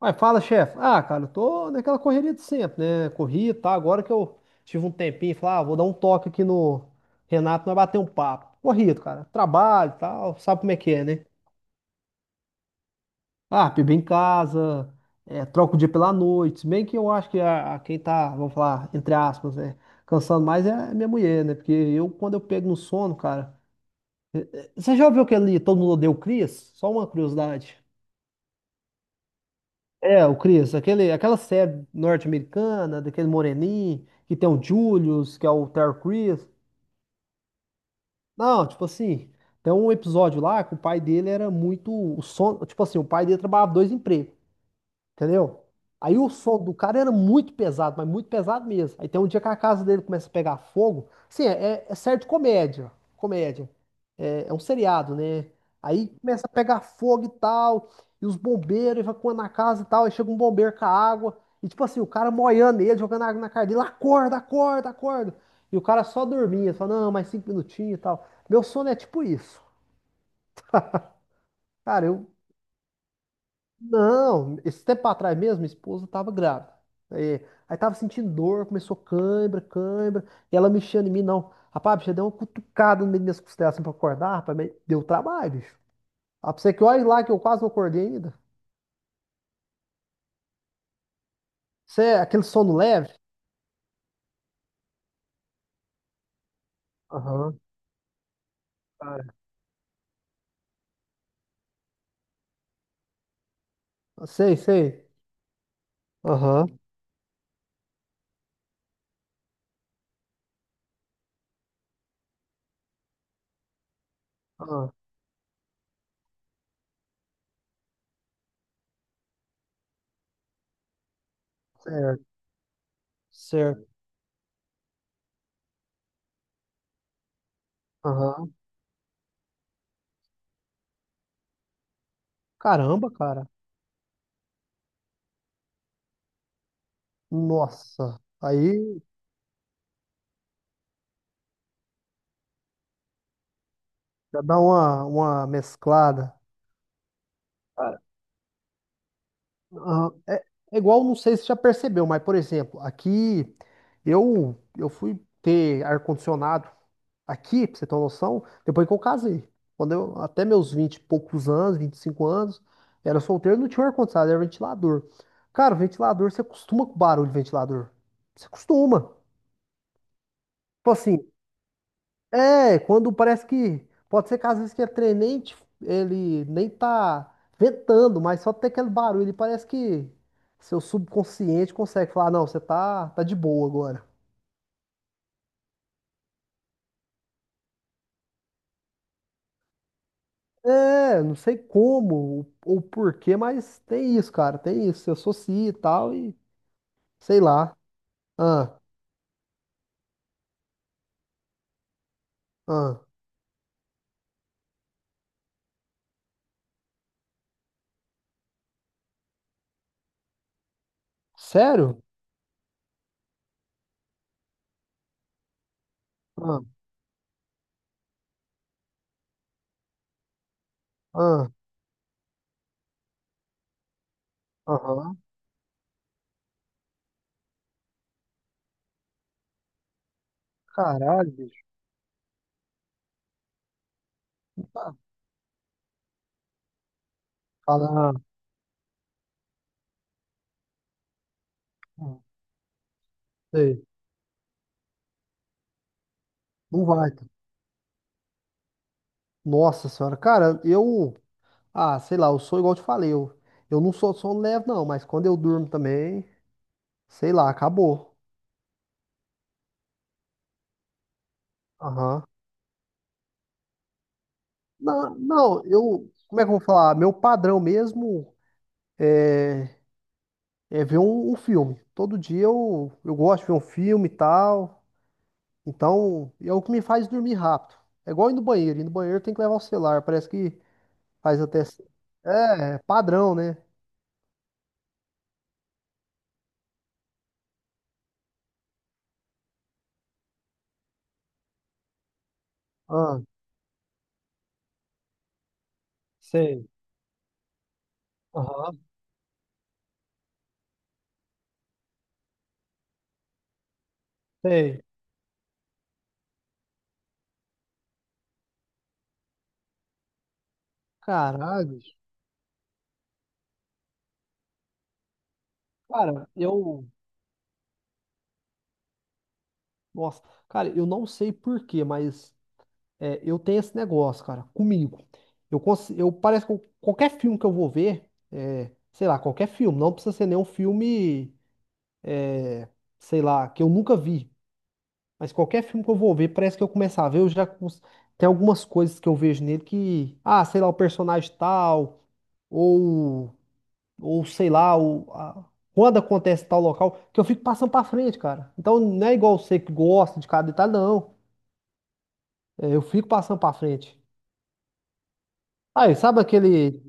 Mas fala, chefe. Ah, cara, eu tô naquela correria de sempre, né? Corri, tá? Agora que eu tive um tempinho, falei, ah, vou dar um toque aqui no Renato, nós bater um papo. Corrido, cara. Trabalho e tal, sabe como é que é, né? Ah, bebê em casa, é, troca o dia pela noite. Se bem que eu acho que a quem tá, vamos falar, entre aspas, né? Cansando mais é a minha mulher, né? Porque eu, quando eu pego no sono, cara. Você já ouviu aquele Todo Mundo Odeia o Chris? Só uma curiosidade. É, o Chris, aquele, aquela série norte-americana, daquele moreninho, que tem o Julius, que é o Terry Crews. Não, tipo assim, tem um episódio lá que o pai dele era muito. Tipo assim, o pai dele trabalhava dois empregos. Entendeu? Aí o som do cara era muito pesado, mas muito pesado mesmo. Aí tem um dia que a casa dele começa a pegar fogo. Sim, é certo comédia. Comédia. É um seriado, né? Aí começa a pegar fogo e tal. E os bombeiros evacuando a casa e tal. Aí chega um bombeiro com a água. E tipo assim, o cara moiando ele, jogando água na cara dele. Acorda, acorda, acorda. E o cara só dormia. Só, não, mais 5 minutinhos e tal. Meu sono é tipo isso. Cara, eu. Não, esse tempo atrás mesmo, minha esposa tava grávida. É, aí tava sentindo dor, começou cãibra, cãibra, e ela mexendo em mim, não. Rapaz, bicho, eu dei uma cutucada no meio das costelas assim pra acordar, rapaz, mas deu trabalho, bicho. Ah, pra você que olha lá que eu quase não acordei ainda. Você é aquele sono leve? Aham. Ah, sei, sei. Aham. Ah, certo. Certo. Aham. Caramba, cara. Nossa. Aí já dá uma mesclada. Ah, é, igual, não sei se você já percebeu, mas, por exemplo, aqui eu fui ter ar-condicionado aqui, pra você ter uma noção, depois que eu casei. Quando eu, até meus 20 e poucos anos, 25 anos, era solteiro, não tinha um ar-condicionado, era ventilador. Cara, ventilador, você acostuma com o barulho de ventilador. Você acostuma. Tipo assim, é, quando parece que. Pode ser que às vezes que ele trem nem, ele nem tá ventando, mas só tem aquele barulho. Ele parece que seu subconsciente consegue falar: não, você tá de boa agora. É, não sei como ou porquê, mas tem isso, cara. Tem isso. Se associa e tal, e sei lá. Ah, ah. Sério? Ah, ah, aham. Caralho, bicho. Tá. Fala, ah, hum, sei. Não vai. Tá. Nossa senhora, cara, eu. Ah, sei lá, eu sou igual eu te falei, eu não sou sono leve não, mas quando eu durmo também, sei lá, acabou. Aham. Não, não, eu, como é que eu vou falar? Meu padrão mesmo é ver um filme. Todo dia eu gosto de ver um filme e tal, então é o que me faz dormir rápido. É igual ir no banheiro tem que levar o celular, parece que faz até... É, padrão, né? Ah, sei. Aham, sei. Caralho, bicho. Cara, eu... Nossa, cara, eu não sei por quê, mas é, eu tenho esse negócio, cara, comigo. Eu, cons- eu parece que qualquer filme que eu vou ver, é, sei lá, qualquer filme, não precisa ser nenhum filme, sei lá, que eu nunca vi, mas qualquer filme que eu vou ver, parece que eu começar a ver, tem algumas coisas que eu vejo nele que, ah, sei lá, o personagem tal, ou, ou sei lá, quando acontece tal local, que eu fico passando pra frente, cara. Então não é igual você que gosta de cada detalhe, não. É, eu fico passando pra frente. Aí, sabe aquele.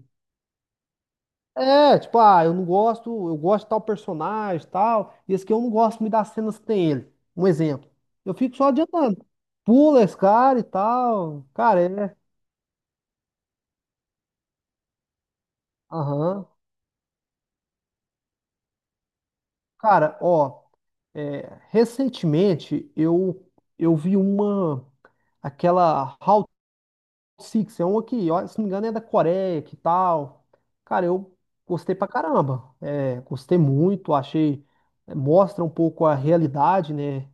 É, tipo, ah, eu não gosto, eu gosto de tal personagem, tal, e esse aqui eu não gosto me das cenas que tem ele. Um exemplo. Eu fico só adiantando. Pula esse cara e tal. Cara, é. Aham. Cara, ó, é, recentemente eu vi uma. Aquela Route Six é uma que, ó, se não me engano, é da Coreia, que tal. Cara, eu gostei pra caramba. É, gostei muito, achei. Mostra um pouco a realidade, né?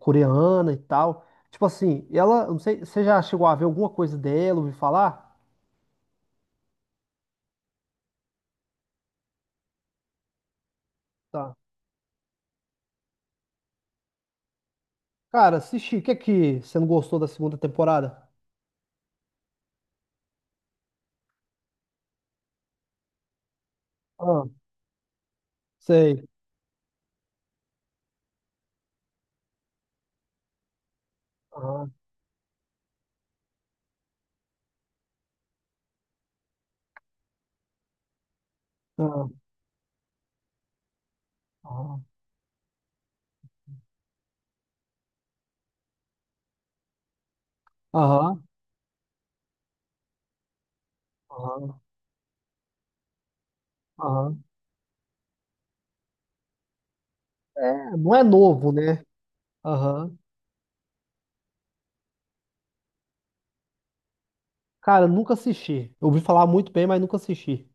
Coreana e tal. Tipo assim, ela, eu não sei, você já chegou a ver alguma coisa dela, ouviu falar? Tá. Cara, assisti, o que é que você não gostou da segunda temporada? Ah, sei. Aham, aham, aham, aham, aham, aham. É, não é novo, né? Aham. Cara, nunca assisti. Eu ouvi falar muito bem, mas nunca assisti.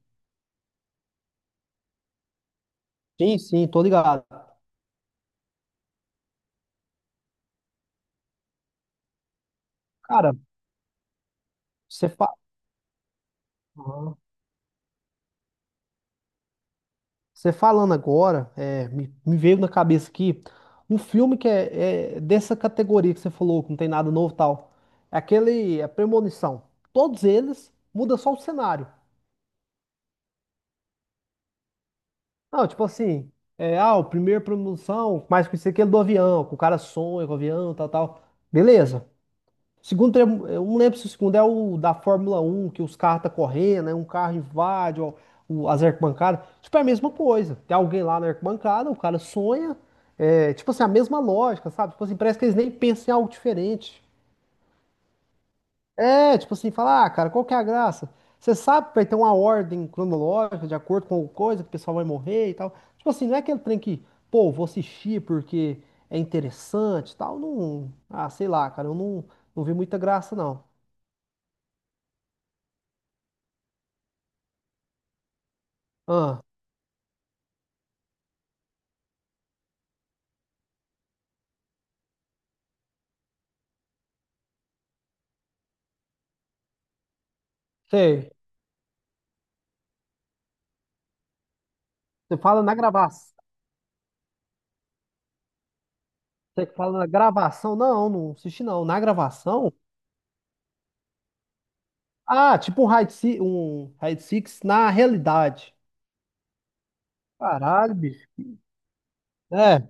Sim, sim, tô ligado. Cara, você fala. Você falando agora, é, me veio na cabeça aqui um filme que é dessa categoria que você falou, que não tem nada novo e tal. É aquele, a Premonição. Todos eles muda só o cenário. Não, tipo assim, é, ah, o primeiro Premonição, mais conhecido que aquele do avião, que o cara sonha com o avião, tal, tal. Beleza. Segundo, eu não lembro se o segundo é o da Fórmula 1 que os carros tá correndo, né? Um carro invade ó, as arquibancadas. Tipo, é a mesma coisa. Tem alguém lá na arquibancada, o cara sonha. É, tipo assim, a mesma lógica, sabe? Tipo assim, parece que eles nem pensam em algo diferente. É, tipo assim, falar, ah, cara, qual que é a graça? Você sabe que vai ter uma ordem cronológica de acordo com coisa que o pessoal vai morrer e tal. Tipo assim, não é aquele trem que, pô, vou assistir porque é interessante e tal. Não, ah, sei lá, cara, eu não vi muita graça, não. Ah. Sei. Você fala na gravação. Você que fala na gravação? Não, não assisti não. Na gravação? Ah, tipo um Raid Six na realidade. Caralho, bicho. É,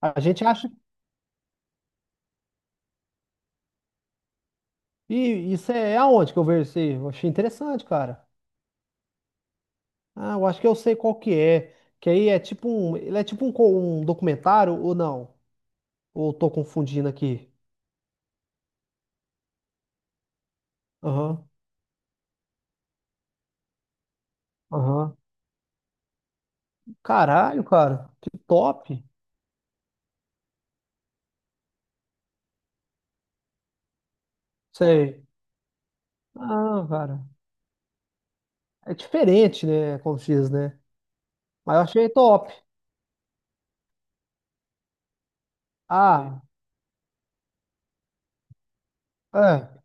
a gente acha. E isso é aonde que eu vejo isso aí? Eu achei interessante, cara. Ah, eu acho que eu sei qual que é. Que aí é tipo um. Ele é tipo um, um documentário ou não? Ou eu tô confundindo aqui? Aham, aham. Caralho, cara. Que top. Sei. Ah, cara. É diferente, né? Como se diz, né? Mas eu achei top. Ah, é.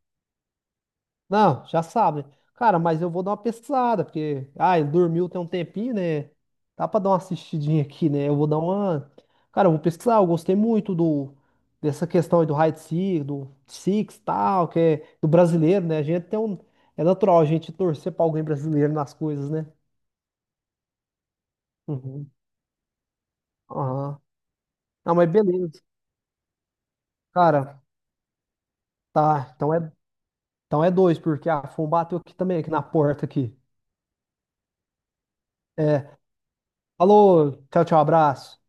Não, já sabe. Né? Cara, mas eu vou dar uma pesquisada, porque. Ah, ele dormiu tem um tempinho, né? Dá pra dar uma assistidinha aqui, né? Eu vou dar uma. Cara, eu vou pesquisar. Eu gostei muito do dessa questão aí do hide seek, do Six e tal, que é do brasileiro, né? A gente tem um. É natural a gente torcer pra alguém brasileiro nas coisas, né? Uhum. Aham. Não, mas beleza. Cara, tá. Então é dois, porque a Fon bateu aqui também, aqui na porta aqui. É. Falou, tchau, tchau, abraço.